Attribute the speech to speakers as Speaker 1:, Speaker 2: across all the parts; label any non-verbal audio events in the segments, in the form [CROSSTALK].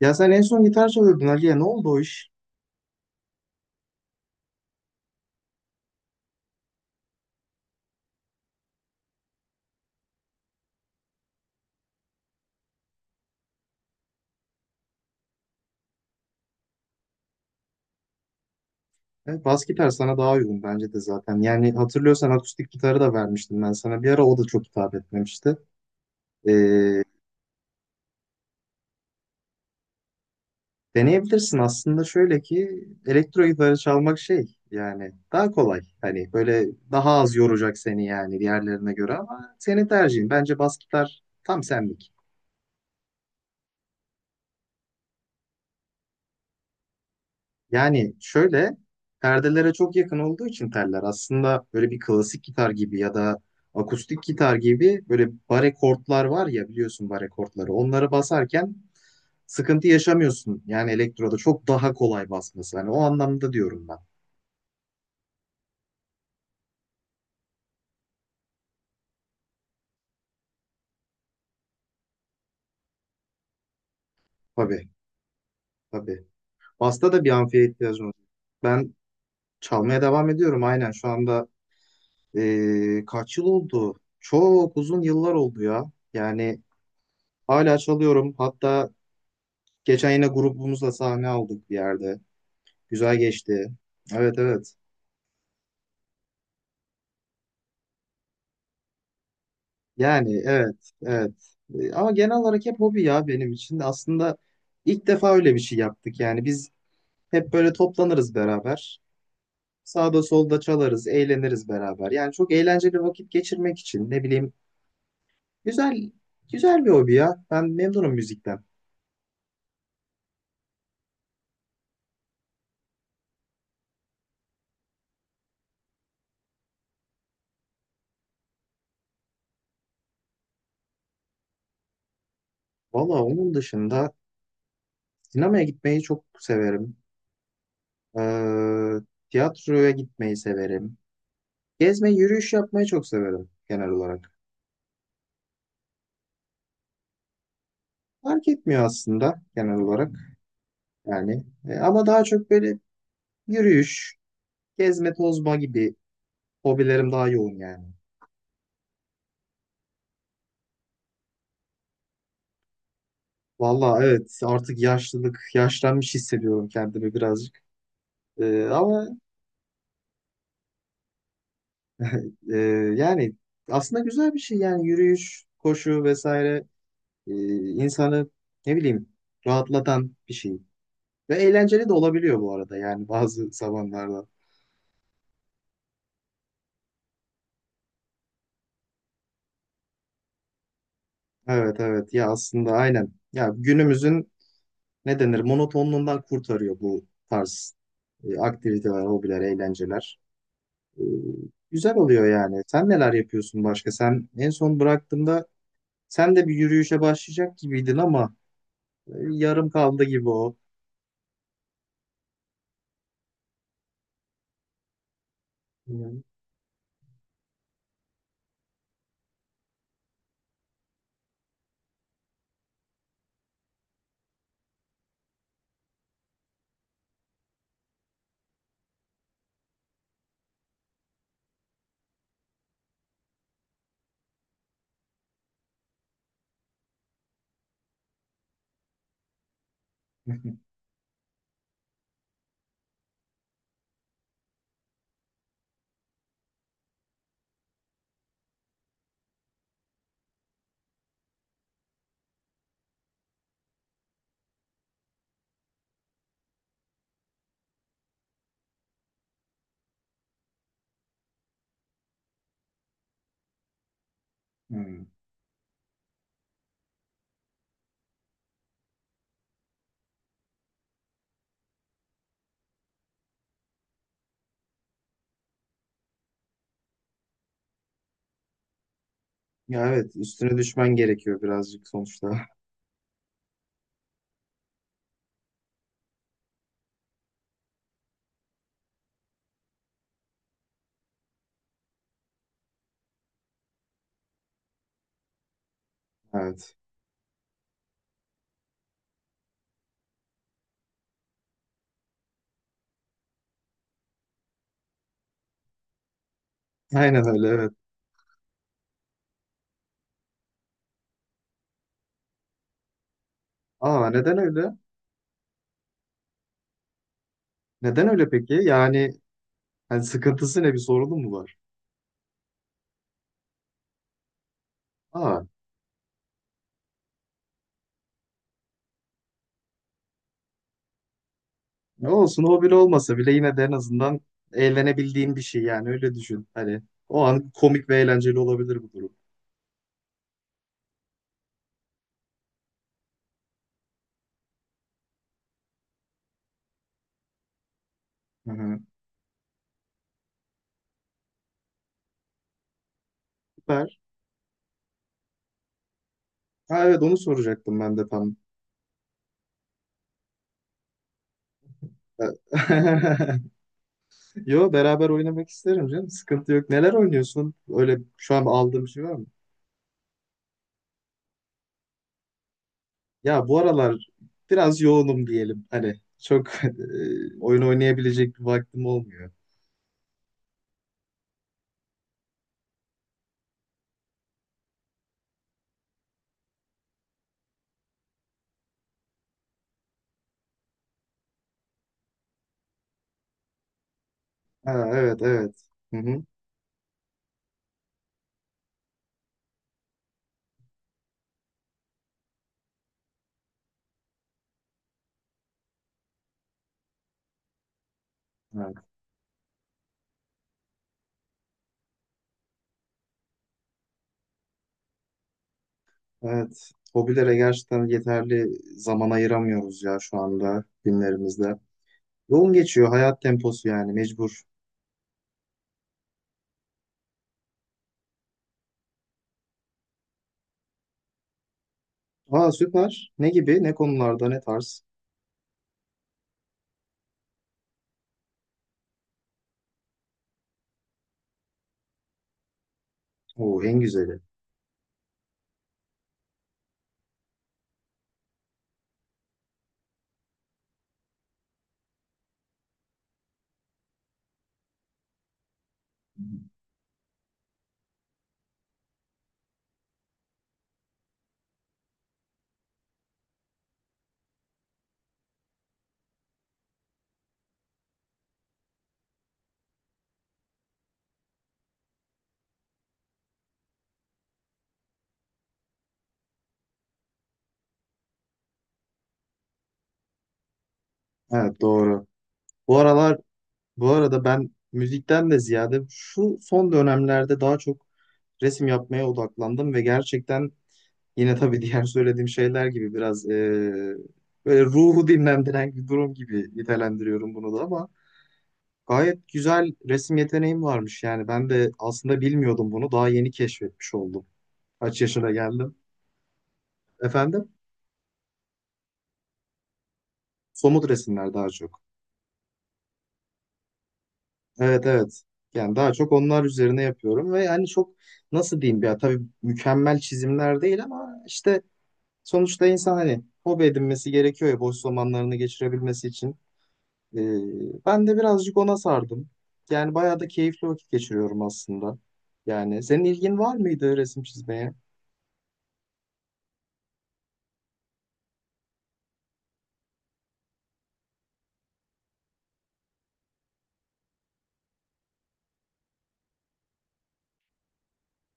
Speaker 1: Ya sen en son gitar çalıyordun Ali'ye. Ne oldu o iş? Bas gitar sana daha uygun bence de zaten. Yani hatırlıyorsan akustik gitarı da vermiştim ben sana. Bir ara o da çok hitap etmemişti. E, Deneyebilirsin aslında, şöyle ki elektro gitarı çalmak şey, yani daha kolay. Hani böyle daha az yoracak seni yani diğerlerine göre, ama senin tercihin. Bence bas gitar tam senlik. Yani şöyle, perdelere çok yakın olduğu için teller, aslında böyle bir klasik gitar gibi ya da akustik gitar gibi, böyle bare kortlar var ya, biliyorsun bare kortları. Onları basarken sıkıntı yaşamıyorsun. Yani elektroda çok daha kolay basması. Hani o anlamda diyorum ben. Tabii, tabii. Basta da bir amfiye ihtiyacın olacak. Ben çalmaya devam ediyorum aynen şu anda. Kaç yıl oldu? Çok uzun yıllar oldu ya. Yani hala çalıyorum. Hatta geçen yine grubumuzla sahne aldık bir yerde. Güzel geçti. Evet, evet. Yani evet, evet. Ama genel olarak hep hobi ya benim için. Aslında ilk defa öyle bir şey yaptık. Yani biz hep böyle toplanırız beraber. Sağda solda çalarız, eğleniriz beraber. Yani çok eğlenceli vakit geçirmek için, ne bileyim, güzel güzel bir hobi ya. Ben memnunum müzikten. Valla, onun dışında sinemaya gitmeyi çok severim. Ee, tiyatroya gitmeyi severim. Gezme, yürüyüş yapmayı çok severim genel olarak. Fark etmiyor aslında, genel olarak yani. Ama daha çok böyle yürüyüş, gezme, tozma gibi hobilerim daha yoğun yani. Valla evet, artık yaşlılık, yaşlanmış hissediyorum kendimi birazcık. Ama e, yani aslında güzel bir şey yani, yürüyüş, koşu vesaire e, insanı, ne bileyim, rahatlatan bir şey. Ve eğlenceli de olabiliyor bu arada yani, bazı zamanlarda. Evet, evet ya, aslında aynen. Ya günümüzün, ne denir, monotonluğundan kurtarıyor bu tarz aktiviteler, hobiler, eğlenceler. E, Güzel oluyor yani. Sen neler yapıyorsun başka? Sen en son bıraktığında sen de bir yürüyüşe başlayacak gibiydin ama yarım kaldı gibi o. Hmm. [LAUGHS] Hmm. Ya evet, üstüne düşmen gerekiyor birazcık sonuçta. [LAUGHS] Evet. Aynen öyle, evet. Aa, neden öyle? Neden öyle peki? Yani, sıkıntısı ne, bir sorunu mu var? Aa. Ne olsun, o bile olmasa bile yine de en azından eğlenebildiğin bir şey, yani öyle düşün. Hani o an komik ve eğlenceli olabilir bu durum. Hı hı. Süper. Ha evet, onu soracaktım ben de tam. [LAUGHS] Yo, beraber oynamak isterim canım. Sıkıntı yok. Neler oynuyorsun? Öyle şu an aldığım bir şey var mı? Ya bu aralar biraz yoğunum diyelim. Hani çok [LAUGHS] oyun oynayabilecek bir vaktim olmuyor. Ha, evet evet. Hı hı. Evet. Hobilere gerçekten yeterli zaman ayıramıyoruz ya şu anda, günlerimizde. Yoğun geçiyor hayat temposu, yani mecbur. Aa süper. Ne gibi? Ne konularda? Ne tarz? Oo, en güzeli. Evet doğru. Bu aralar, bu arada ben müzikten de ziyade şu son dönemlerde daha çok resim yapmaya odaklandım ve gerçekten, yine tabii diğer söylediğim şeyler gibi biraz böyle ruhu dinlendiren bir durum gibi nitelendiriyorum bunu da, ama gayet güzel resim yeteneğim varmış yani. Ben de aslında bilmiyordum bunu. Daha yeni keşfetmiş oldum. Kaç yaşına geldim. Efendim? Somut resimler daha çok. Evet evet. Yani daha çok onlar üzerine yapıyorum ve yani çok, nasıl diyeyim, ya tabii mükemmel çizimler değil ama işte, sonuçta insan hani hobi edinmesi gerekiyor ya, boş zamanlarını geçirebilmesi için. Ee, ben de birazcık ona sardım. Yani bayağı da keyifli vakit geçiriyorum aslında. Yani senin ilgin var mıydı resim çizmeye?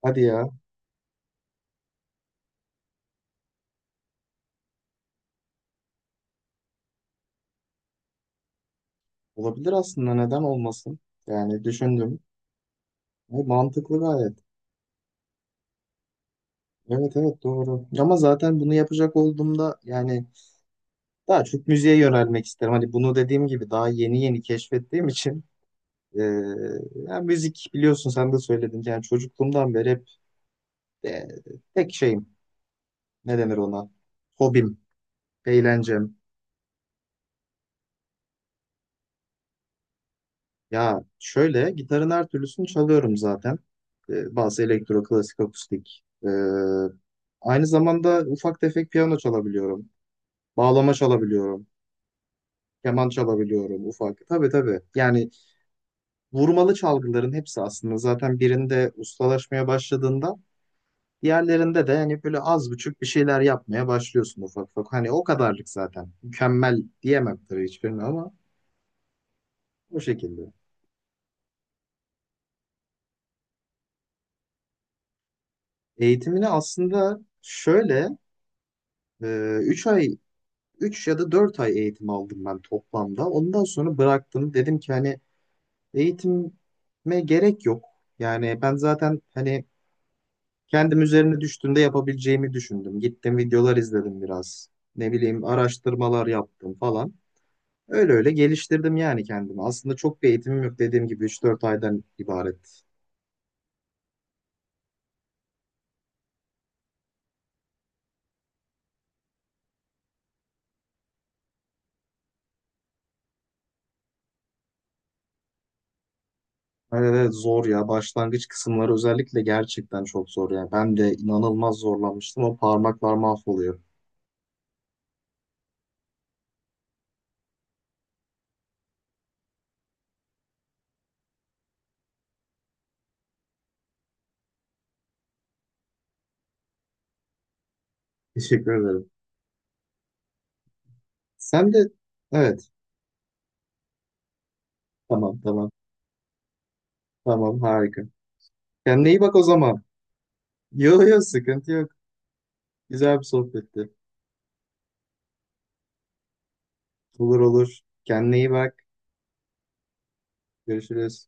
Speaker 1: Hadi ya. Olabilir aslında, neden olmasın? Yani düşündüm. Mantıklı gayet. Evet evet, doğru. Ama zaten bunu yapacak olduğumda yani daha çok müziğe yönelmek isterim. Hani bunu dediğim gibi daha yeni yeni keşfettiğim için e, yani müzik, biliyorsun sen de söyledin. Yani çocukluğumdan beri hep e, tek şeyim, ne denir ona? Hobim, eğlencem. Ya şöyle, gitarın her türlüsünü çalıyorum zaten. Bazı elektro, klasik, akustik. Aynı zamanda ufak tefek piyano çalabiliyorum. Bağlama çalabiliyorum. Keman çalabiliyorum ufak. Tabii, tabii. Yani vurmalı çalgıların hepsi aslında, zaten birinde ustalaşmaya başladığında diğerlerinde de hani böyle az buçuk bir şeyler yapmaya başlıyorsun ufak ufak. Hani o kadarlık zaten. Mükemmel diyemem tabii hiçbirini, ama o şekilde. Eğitimini aslında şöyle, e, 3 ay 3 ya da 4 ay eğitim aldım ben toplamda. Ondan sonra bıraktım. Dedim ki hani eğitime gerek yok. Yani ben zaten hani kendim üzerine düştüğümde yapabileceğimi düşündüm. Gittim videolar izledim biraz. Ne bileyim, araştırmalar yaptım falan. Öyle öyle geliştirdim yani kendimi. Aslında çok bir eğitimim yok, dediğim gibi 3-4 aydan ibaret. Öyle de zor ya. Başlangıç kısımları özellikle gerçekten çok zor yani. Ben de inanılmaz zorlanmıştım. O parmaklar mahvoluyor. [LAUGHS] Teşekkür ederim. Sen de evet. Tamam, tamam. Tamam, harika. Kendine iyi bak o zaman. Yok yok, sıkıntı yok. Güzel bir sohbetti. Olur, olur. Kendine iyi bak. Görüşürüz.